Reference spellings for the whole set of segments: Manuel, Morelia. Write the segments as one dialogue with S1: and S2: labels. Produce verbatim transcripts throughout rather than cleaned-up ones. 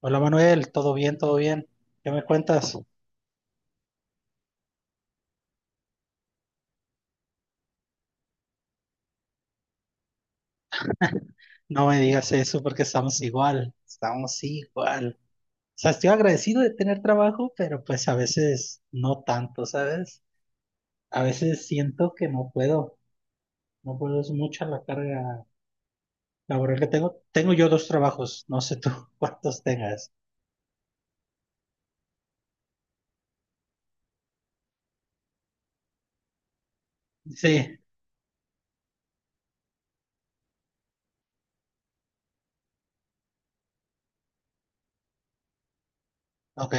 S1: Hola Manuel, ¿todo bien? ¿Todo bien? ¿Qué me cuentas? No me digas eso porque estamos igual, estamos igual. O sea, estoy agradecido de tener trabajo, pero pues a veces no tanto, ¿sabes? A veces siento que no puedo, no puedo, es mucha la carga laboral que tengo. Tengo yo dos trabajos, no sé tú cuántos tengas. Sí, ok.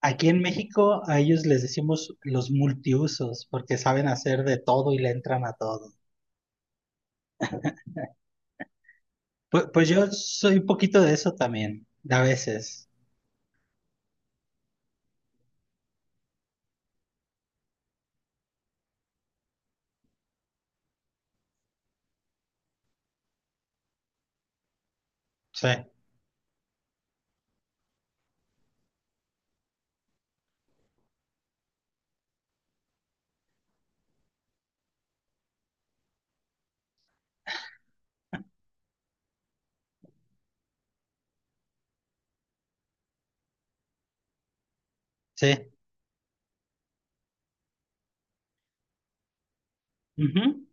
S1: Aquí en México a ellos les decimos los multiusos porque saben hacer de todo y le entran a todo. Pues, pues yo soy un poquito de eso también, a veces. Sí, sí. Ujú.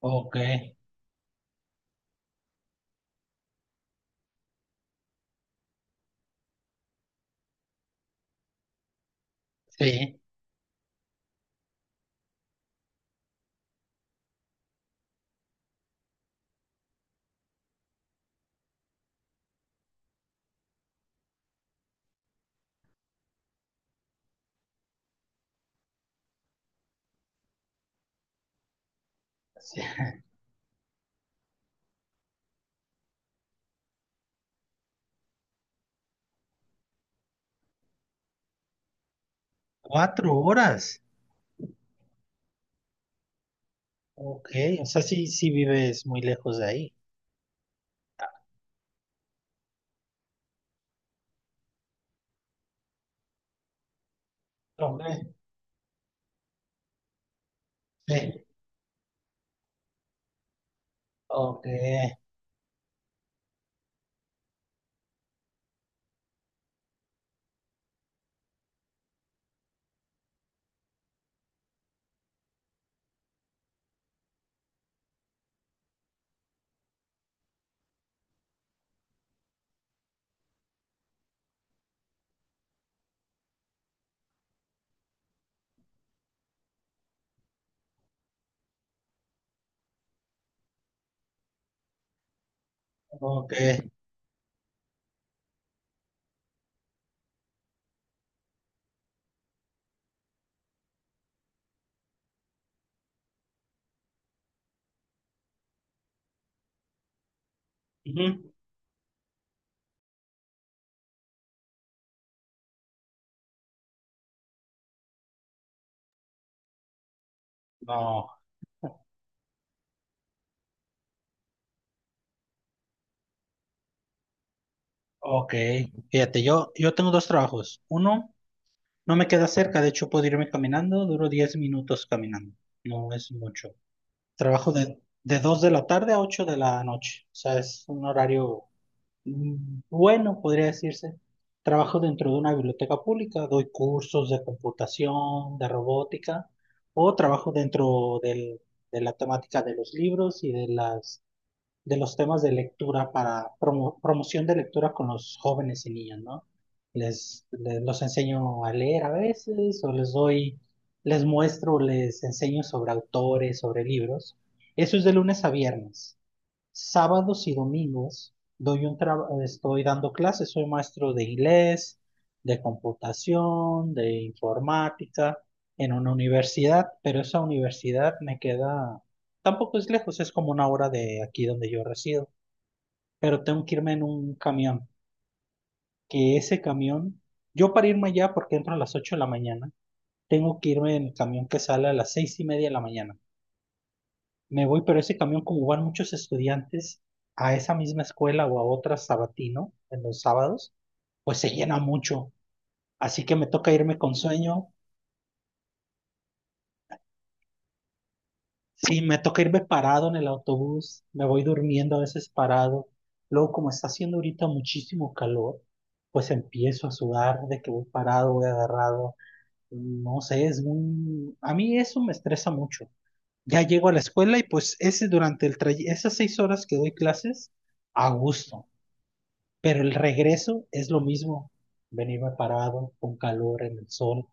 S1: Ok, sí, sí. Cuatro horas. Ok, o sea, sí, sí vives muy lejos de ahí. Ok, sí. Ok, ok. Ujú. No, ok. Fíjate, yo, yo tengo dos trabajos. Uno, no me queda cerca, de hecho puedo irme caminando, duro diez minutos caminando. No es mucho. Trabajo de, de dos de la tarde a ocho de la noche. O sea, es un horario. Mm, Bueno, podría decirse. Trabajo dentro de una biblioteca pública, doy cursos de computación, de robótica, o trabajo dentro del- de la temática de los libros y de las, de los temas de lectura para promo- promoción de lectura con los jóvenes y niños, ¿no? Les, les- los enseño a leer a veces, o les doy, les muestro, les enseño sobre autores, sobre libros. Eso es de lunes a viernes. Sábados y domingos doy un traba- estoy dando clases, soy maestro de inglés, de computación, de informática en una universidad, pero esa universidad me queda, tampoco es lejos, es como una hora de aquí donde yo resido, pero tengo que irme en un camión, que ese camión, yo para irme allá porque entro a las ocho de la mañana, tengo que irme en el camión que sale a las seis y media de la mañana. Me voy, pero ese camión, como van muchos estudiantes a esa misma escuela o a otra sabatino en los sábados, pues se llena mucho. Así que me toca irme con sueño. Sí, me toca irme parado en el autobús. Me voy durmiendo a veces parado. Luego, como está haciendo ahorita muchísimo calor, pues empiezo a sudar de que voy parado, voy agarrado. No sé, es un, a mí eso me estresa mucho. Ya llego a la escuela y pues ese durante el tray- esas seis horas que doy clases, a gusto. Pero el regreso es lo mismo. Venirme parado, con calor, en el sol,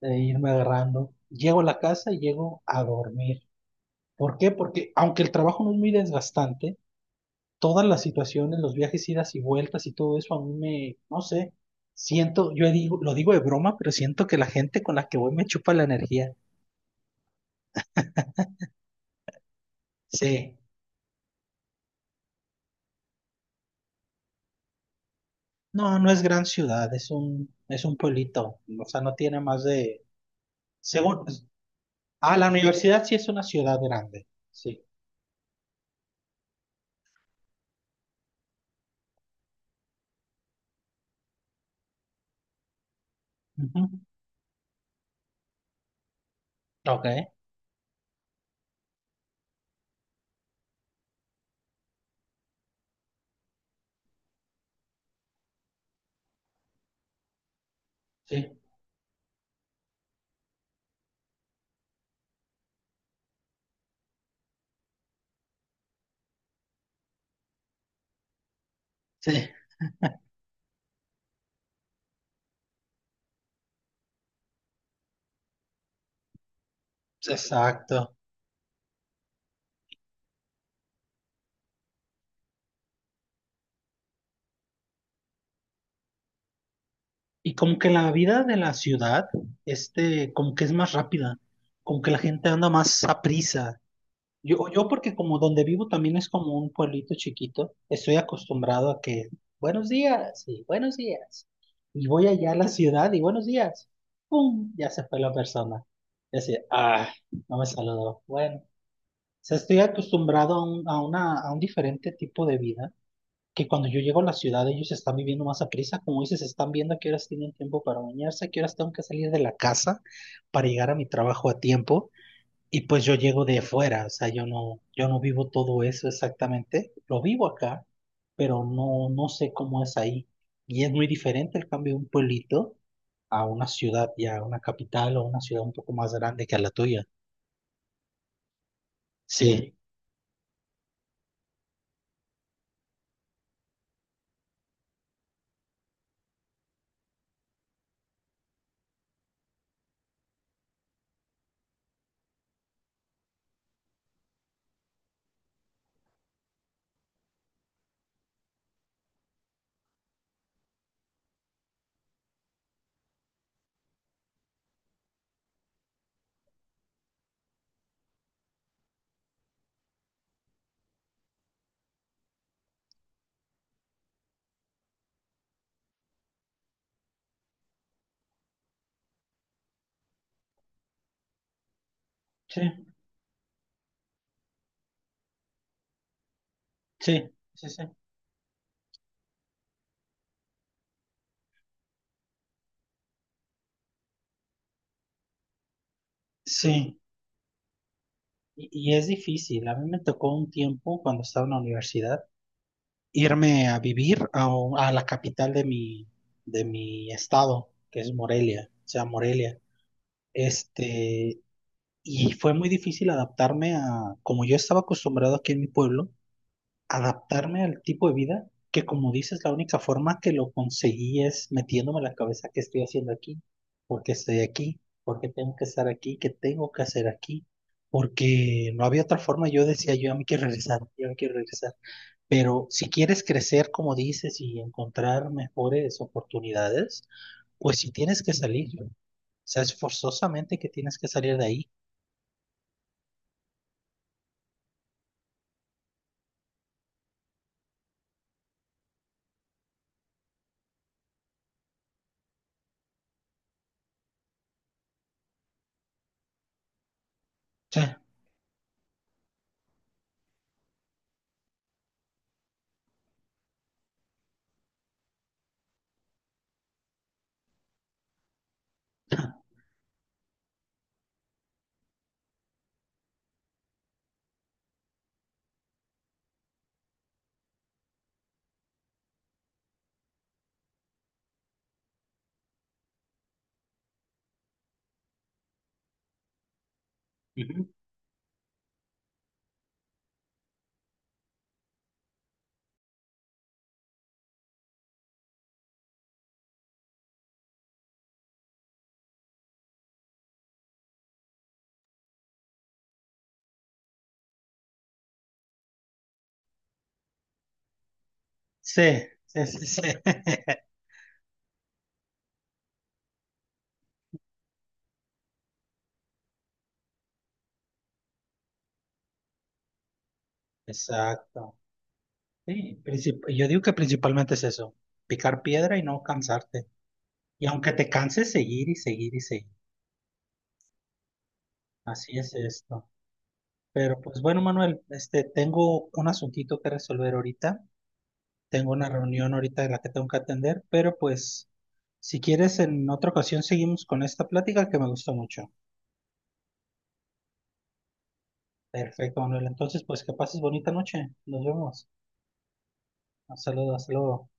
S1: e irme agarrando. Llego a la casa y llego a dormir. ¿Por qué? Porque aunque el trabajo no es muy desgastante, todas las situaciones, los viajes, idas y vueltas y todo eso, a mí me, no sé, siento, yo digo, lo digo de broma, pero siento que la gente con la que voy me chupa la energía. Sí, no, no es gran ciudad, es un, es un pueblito, o sea, no tiene más de, según, ah, la universidad sí es una ciudad grande, sí. Ujú. Ok, sí, sí, exacto. Y como que la vida de la ciudad, este, como que es más rápida, como que la gente anda más a prisa. Yo, yo porque como donde vivo también es como un pueblito chiquito, estoy acostumbrado a que buenos días y buenos días. Y voy allá a la ciudad y buenos días. ¡Pum! Ya se fue la persona. Y así, ah, no me saludó. Bueno, o sea, estoy acostumbrado a un, a una, a un diferente tipo de vida que cuando yo llego a la ciudad ellos están viviendo más a prisa, como dices, están viendo a qué horas tienen tiempo para bañarse, a qué horas tengo que salir de la casa para llegar a mi trabajo a tiempo, y pues yo llego de fuera, o sea, yo no, yo no vivo todo eso exactamente, lo vivo acá, pero no, no sé cómo es ahí, y es muy diferente el cambio de un pueblito a una ciudad ya, una capital o una ciudad un poco más grande que a la tuya. Sí, sí, sí, sí, sí. Sí, Y, y es difícil. A mí me tocó un tiempo cuando estaba en la universidad irme a vivir a, un- a la capital de mi, de mi, estado, que es Morelia, o sea, Morelia. Este, y fue muy difícil adaptarme a, como yo estaba acostumbrado aquí en mi pueblo, adaptarme al tipo de vida que, como dices, la única forma que lo conseguí es metiéndome en la cabeza que estoy haciendo aquí, porque estoy aquí, porque tengo que estar aquí, que tengo que hacer aquí, porque no había otra forma. Yo decía, yo a mí quiero regresar, yo me quiero regresar. Pero si quieres crecer, como dices, y encontrar mejores oportunidades, pues sí tienes que salir. O sea, es forzosamente que tienes que salir de ahí. Sí, Ujú. Sí, sí, sí. Sí. Exacto. Sí, princip- yo digo que principalmente es eso, picar piedra y no cansarte. Y aunque te canses, seguir y seguir y seguir. Así es esto. Pero pues bueno, Manuel, este, tengo un asuntito que resolver ahorita. Tengo una reunión ahorita de la que tengo que atender, pero pues si quieres en otra ocasión seguimos con esta plática que me gustó mucho. Perfecto, Manuel. Entonces, pues que pases bonita noche. Nos vemos. Saludos, hasta luego.